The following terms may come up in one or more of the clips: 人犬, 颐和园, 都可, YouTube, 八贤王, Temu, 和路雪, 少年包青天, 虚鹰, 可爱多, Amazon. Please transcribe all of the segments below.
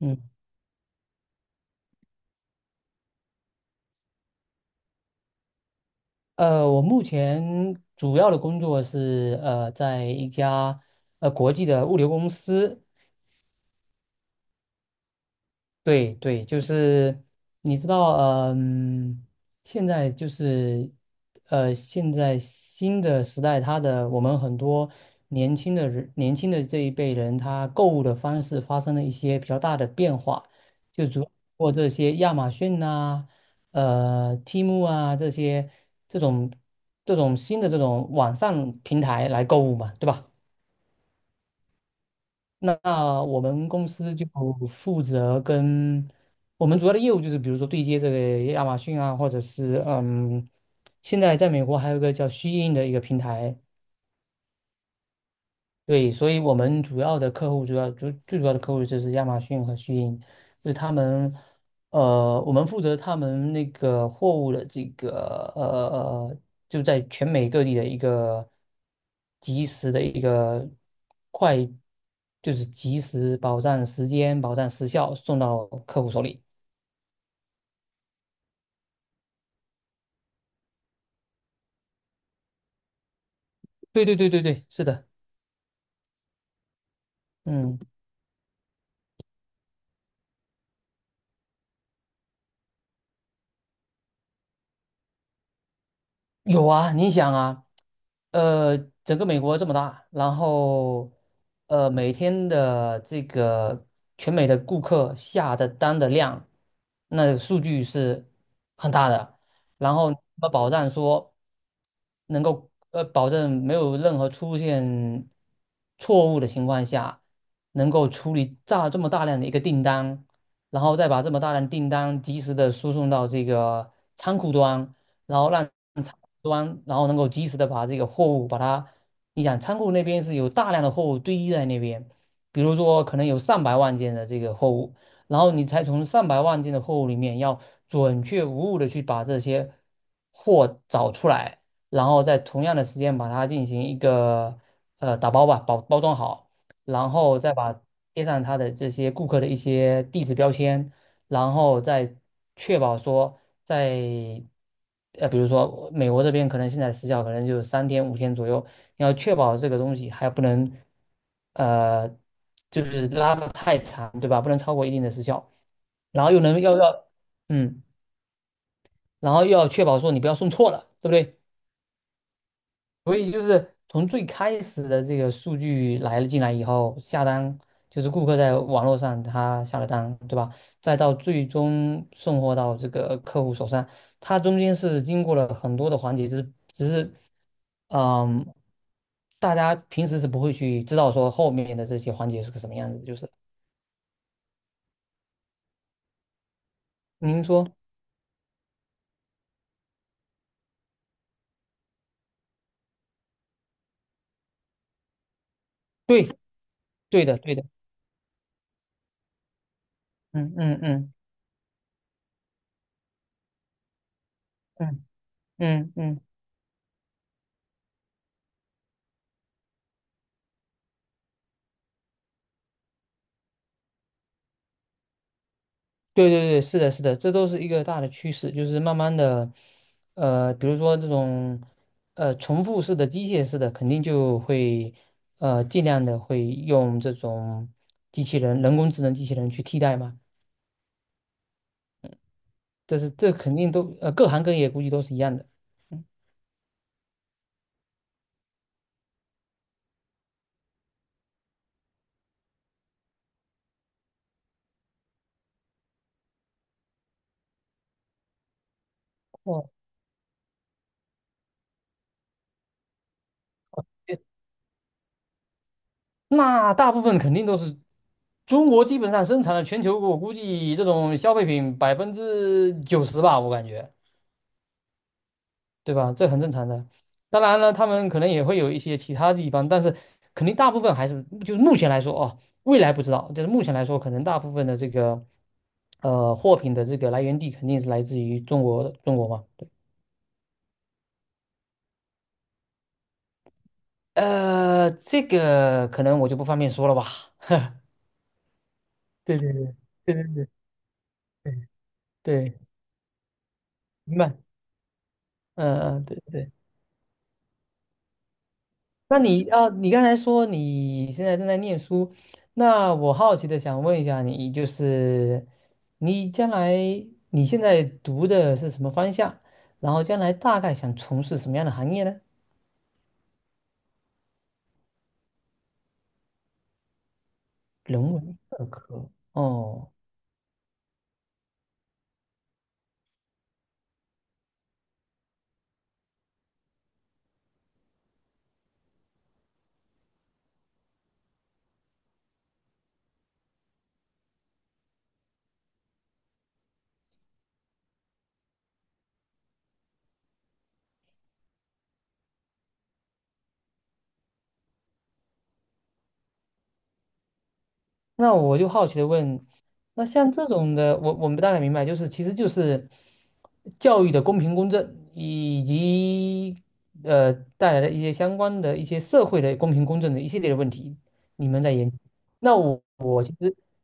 嗯，我目前主要的工作是在一家国际的物流公司。对对，就是你知道，嗯，现在就是，现在新的时代，它的我们很多年轻的人，年轻的这一辈人，他购物的方式发生了一些比较大的变化，就主要通过这些亚马逊啊、Temu 啊这些这种这种新的这种网上平台来购物嘛，对吧？那我们公司就负责跟我们主要的业务就是，比如说对接这个亚马逊啊，或者是嗯，现在在美国还有一个叫虚鹰的一个平台。对，所以我们主要的客户，主要主最主要的客户就是亚马逊和虚鹰，就是他们，我们负责他们那个货物的这个呃，就在全美各地的一个及时的一个快，就是及时保障时间、保障时效送到客户手里。对对对对对，是的，嗯。有啊，你想啊，呃，整个美国这么大，然后每天的这个全美的顾客下的单的量，那个数据是很大的，然后怎么保障说能够保证没有任何出现错误的情况下，能够处理这么大量的一个订单，然后再把这么大量订单及时的输送到这个仓库端。然后让仓库端，然后能够及时的把这个货物把它，你想仓库那边是有大量的货物堆积在那边，比如说可能有上百万件的这个货物，然后你才从上百万件的货物里面要准确无误的去把这些货找出来，然后在同样的时间把它进行一个打包吧，包装好，然后再把贴上它的这些顾客的一些地址标签。然后再确保说在比如说美国这边可能现在的时效可能就是三天五天左右，你要确保这个东西还不能呃，就是拉的太长，对吧？不能超过一定的时效，然后又能要嗯，然后又要确保说你不要送错了，对不对？所以就是从最开始的这个数据来了进来以后，下单就是顾客在网络上他下了单，对吧？再到最终送货到这个客户手上，它中间是经过了很多的环节，只是，嗯，大家平时是不会去知道说后面的这些环节是个什么样子，就是您说对，对的，对的，嗯嗯嗯嗯嗯嗯。对对对，是的，是的，这都是一个大的趋势，就是慢慢的，比如说这种，重复式的、机械式的，肯定就会，尽量的会用这种机器人、人工智能机器人去替代嘛。这是这肯定都，各行各业估计都是一样的。嗯，哦，那大部分肯定都是中国基本上生产了全球，我估计这种消费品90%吧，我感觉。对吧？这很正常的。当然了，他们可能也会有一些其他地方，但是肯定大部分还是就是目前来说哦，未来不知道，就是目前来说，可能大部分的这个货品的这个来源地肯定是来自于中国中国嘛。这个可能我就不方便说了吧。对对对对对对对，明白。嗯嗯，对对。那你啊，你刚才说你现在正在念书，那我好奇的想问一下你，就是你将来你现在读的是什么方向？然后将来大概想从事什么样的行业呢？人文社科。哦，那我就好奇的问，那像这种的，我们大概明白，就是其实就是教育的公平公正，以及带来的一些相关的一些社会的公平公正的一系列的问题，你们在研究。那我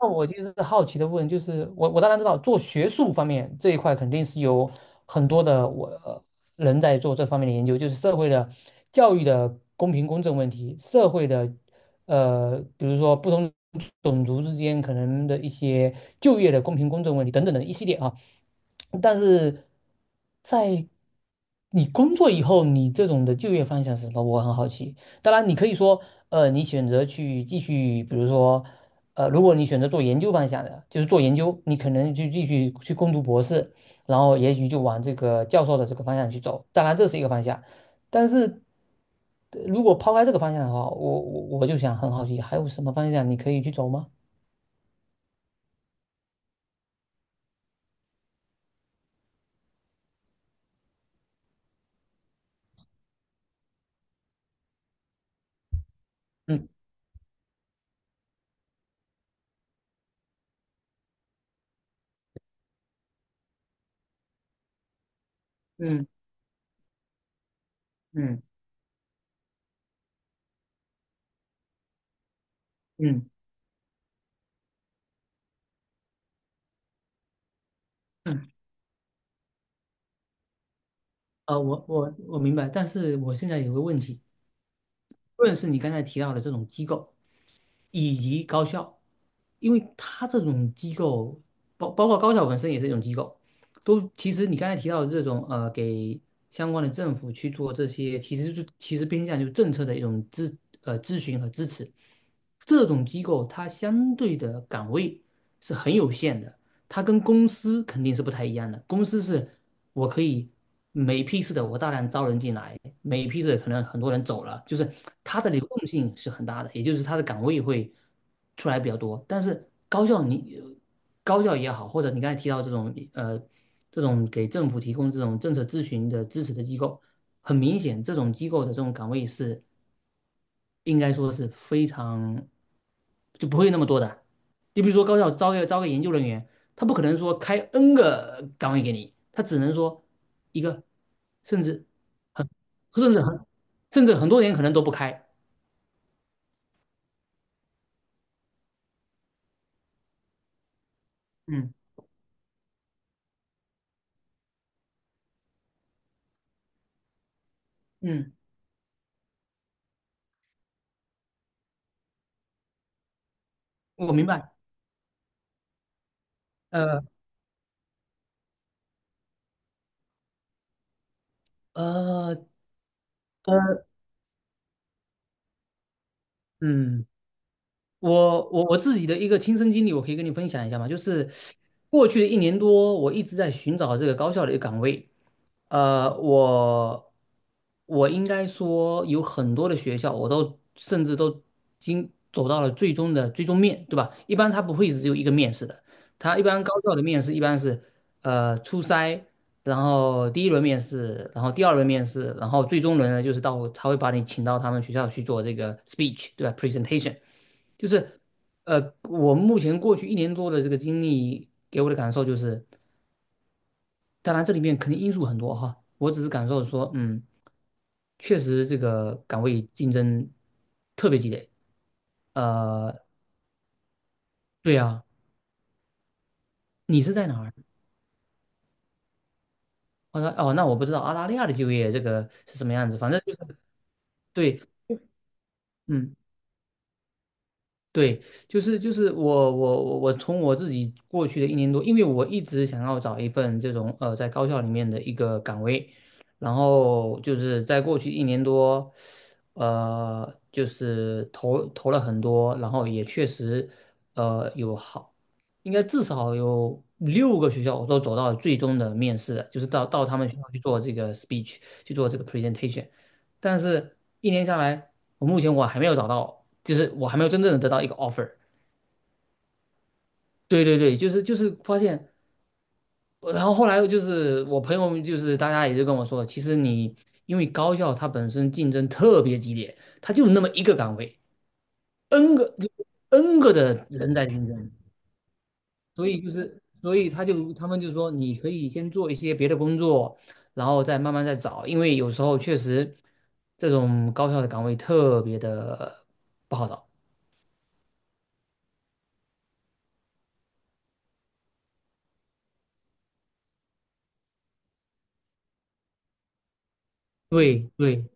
那我其实是好奇的问，就是我当然知道做学术方面这一块肯定是有很多的人在做这方面的研究，就是社会的教育的公平公正问题，社会的比如说不同种族之间可能的一些就业的公平公正问题等等的一系列啊，但是在你工作以后，你这种的就业方向是什么？我很好奇。当然，你可以说，你选择去继续，比如说，如果你选择做研究方向的，就是做研究，你可能就继续去攻读博士，然后也许就往这个教授的这个方向去走。当然，这是一个方向，但是如果抛开这个方向的话，我就想很好奇，还有什么方向你可以去走吗？嗯嗯嗯嗯嗯，我明白，但是我现在有个问题，无论是你刚才提到的这种机构，以及高校，因为它这种机构，包括高校本身也是一种机构，都其实你刚才提到的这种给相关的政府去做这些，其实其实偏向就是政策的一种咨询和支持，这种机构它相对的岗位是很有限的。它跟公司肯定是不太一样的。公司是我可以每批次的我大量招人进来，每批次可能很多人走了，就是它的流动性是很大的，也就是它的岗位会出来比较多。但是高校也好，或者你刚才提到这种这种给政府提供这种政策咨询的支持的机构，很明显这种机构的这种岗位是应该说是非常就不会那么多的。你比如说高校招个研究人员，他不可能说开 N 个岗位给你，他只能说一个，甚至很甚至很甚至很多年可能都不开。嗯嗯，我明白。呃呃呃嗯，我自己的一个亲身经历，我可以跟你分享一下嘛，就是过去的一年多，我一直在寻找这个高校的一个岗位。我我应该说有很多的学校，甚至都经走到了最终的最终面，对吧？一般它不会只有一个面试的，它一般高校的面试一般是初筛，然后第一轮面试，然后第二轮面试，然后最终轮呢就是到他会把你请到他们学校去做这个 speech, 对吧？presentation。 就是我目前过去一年多的这个经历给我的感受就是。当然这里面肯定因素很多哈，我只是感受说，嗯，确实这个岗位竞争特别激烈。呃，对啊，你是在哪儿？我说哦，那我不知道澳大利亚的就业这个是什么样子，反正就是对，嗯。对，就是我从我自己过去的一年多，因为我一直想要找一份这种在高校里面的一个岗位，然后就是在过去一年多，就是投了很多，然后也确实呃有好，应该至少有6个学校我都走到最终的面试了，就是到他们学校去做这个 speech,去做这个 presentation,但是一年下来，我目前我还没有找到。就是我还没有真正的得到一个 offer。对对对，就是发现，然后后来就是我朋友们就是大家也就跟我说，其实你因为高校它本身竞争特别激烈，它就那么一个岗位，n 个就 n 个的人在竞争，所以就是所以他就他们就说你可以先做一些别的工作，然后再慢慢再找，因为有时候确实这种高校的岗位特别的不好找。对对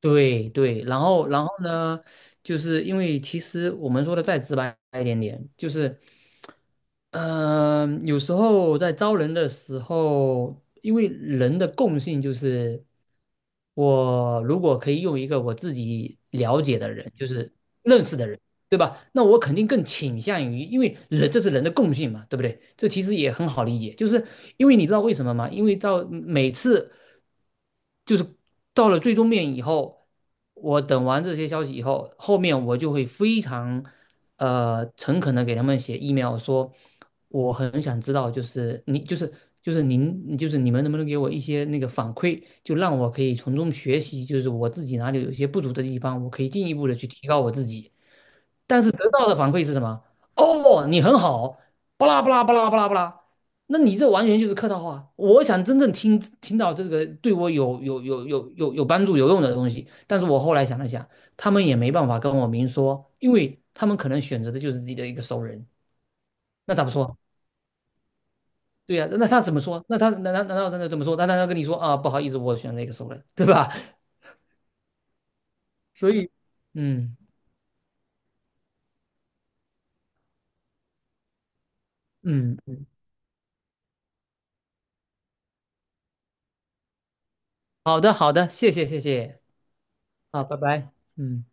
对对，然后然后呢，就是因为其实我们说的再直白一点点，就是，嗯，有时候在招人的时候，因为人的共性就是，我如果可以用一个我自己了解的人，就是认识的人，对吧？那我肯定更倾向于，因为人这是人的共性嘛，对不对？这其实也很好理解，就是因为你知道为什么吗？因为到每次。就是到了最终面以后，我等完这些消息以后，后面我就会非常诚恳的给他们写 email 说，我很想知道，就是你就是就是您就是你们能不能给我一些那个反馈，就让我可以从中学习，就是我自己哪里有一些不足的地方，我可以进一步的去提高我自己。但是得到的反馈是什么？哦，你很好，巴拉巴拉巴拉巴拉巴拉。那你这完全就是客套话。我想真正听到这个对我有帮助有用的东西，但是我后来想了想，他们也没办法跟我明说，因为他们可能选择的就是自己的一个熟人，那咋不说？对呀、那他怎么说？那他难道他怎么说？那他要跟你说啊，不好意思，我选了一个熟人，对吧？所以，嗯嗯，嗯，好的好的，谢谢，好，拜拜，嗯。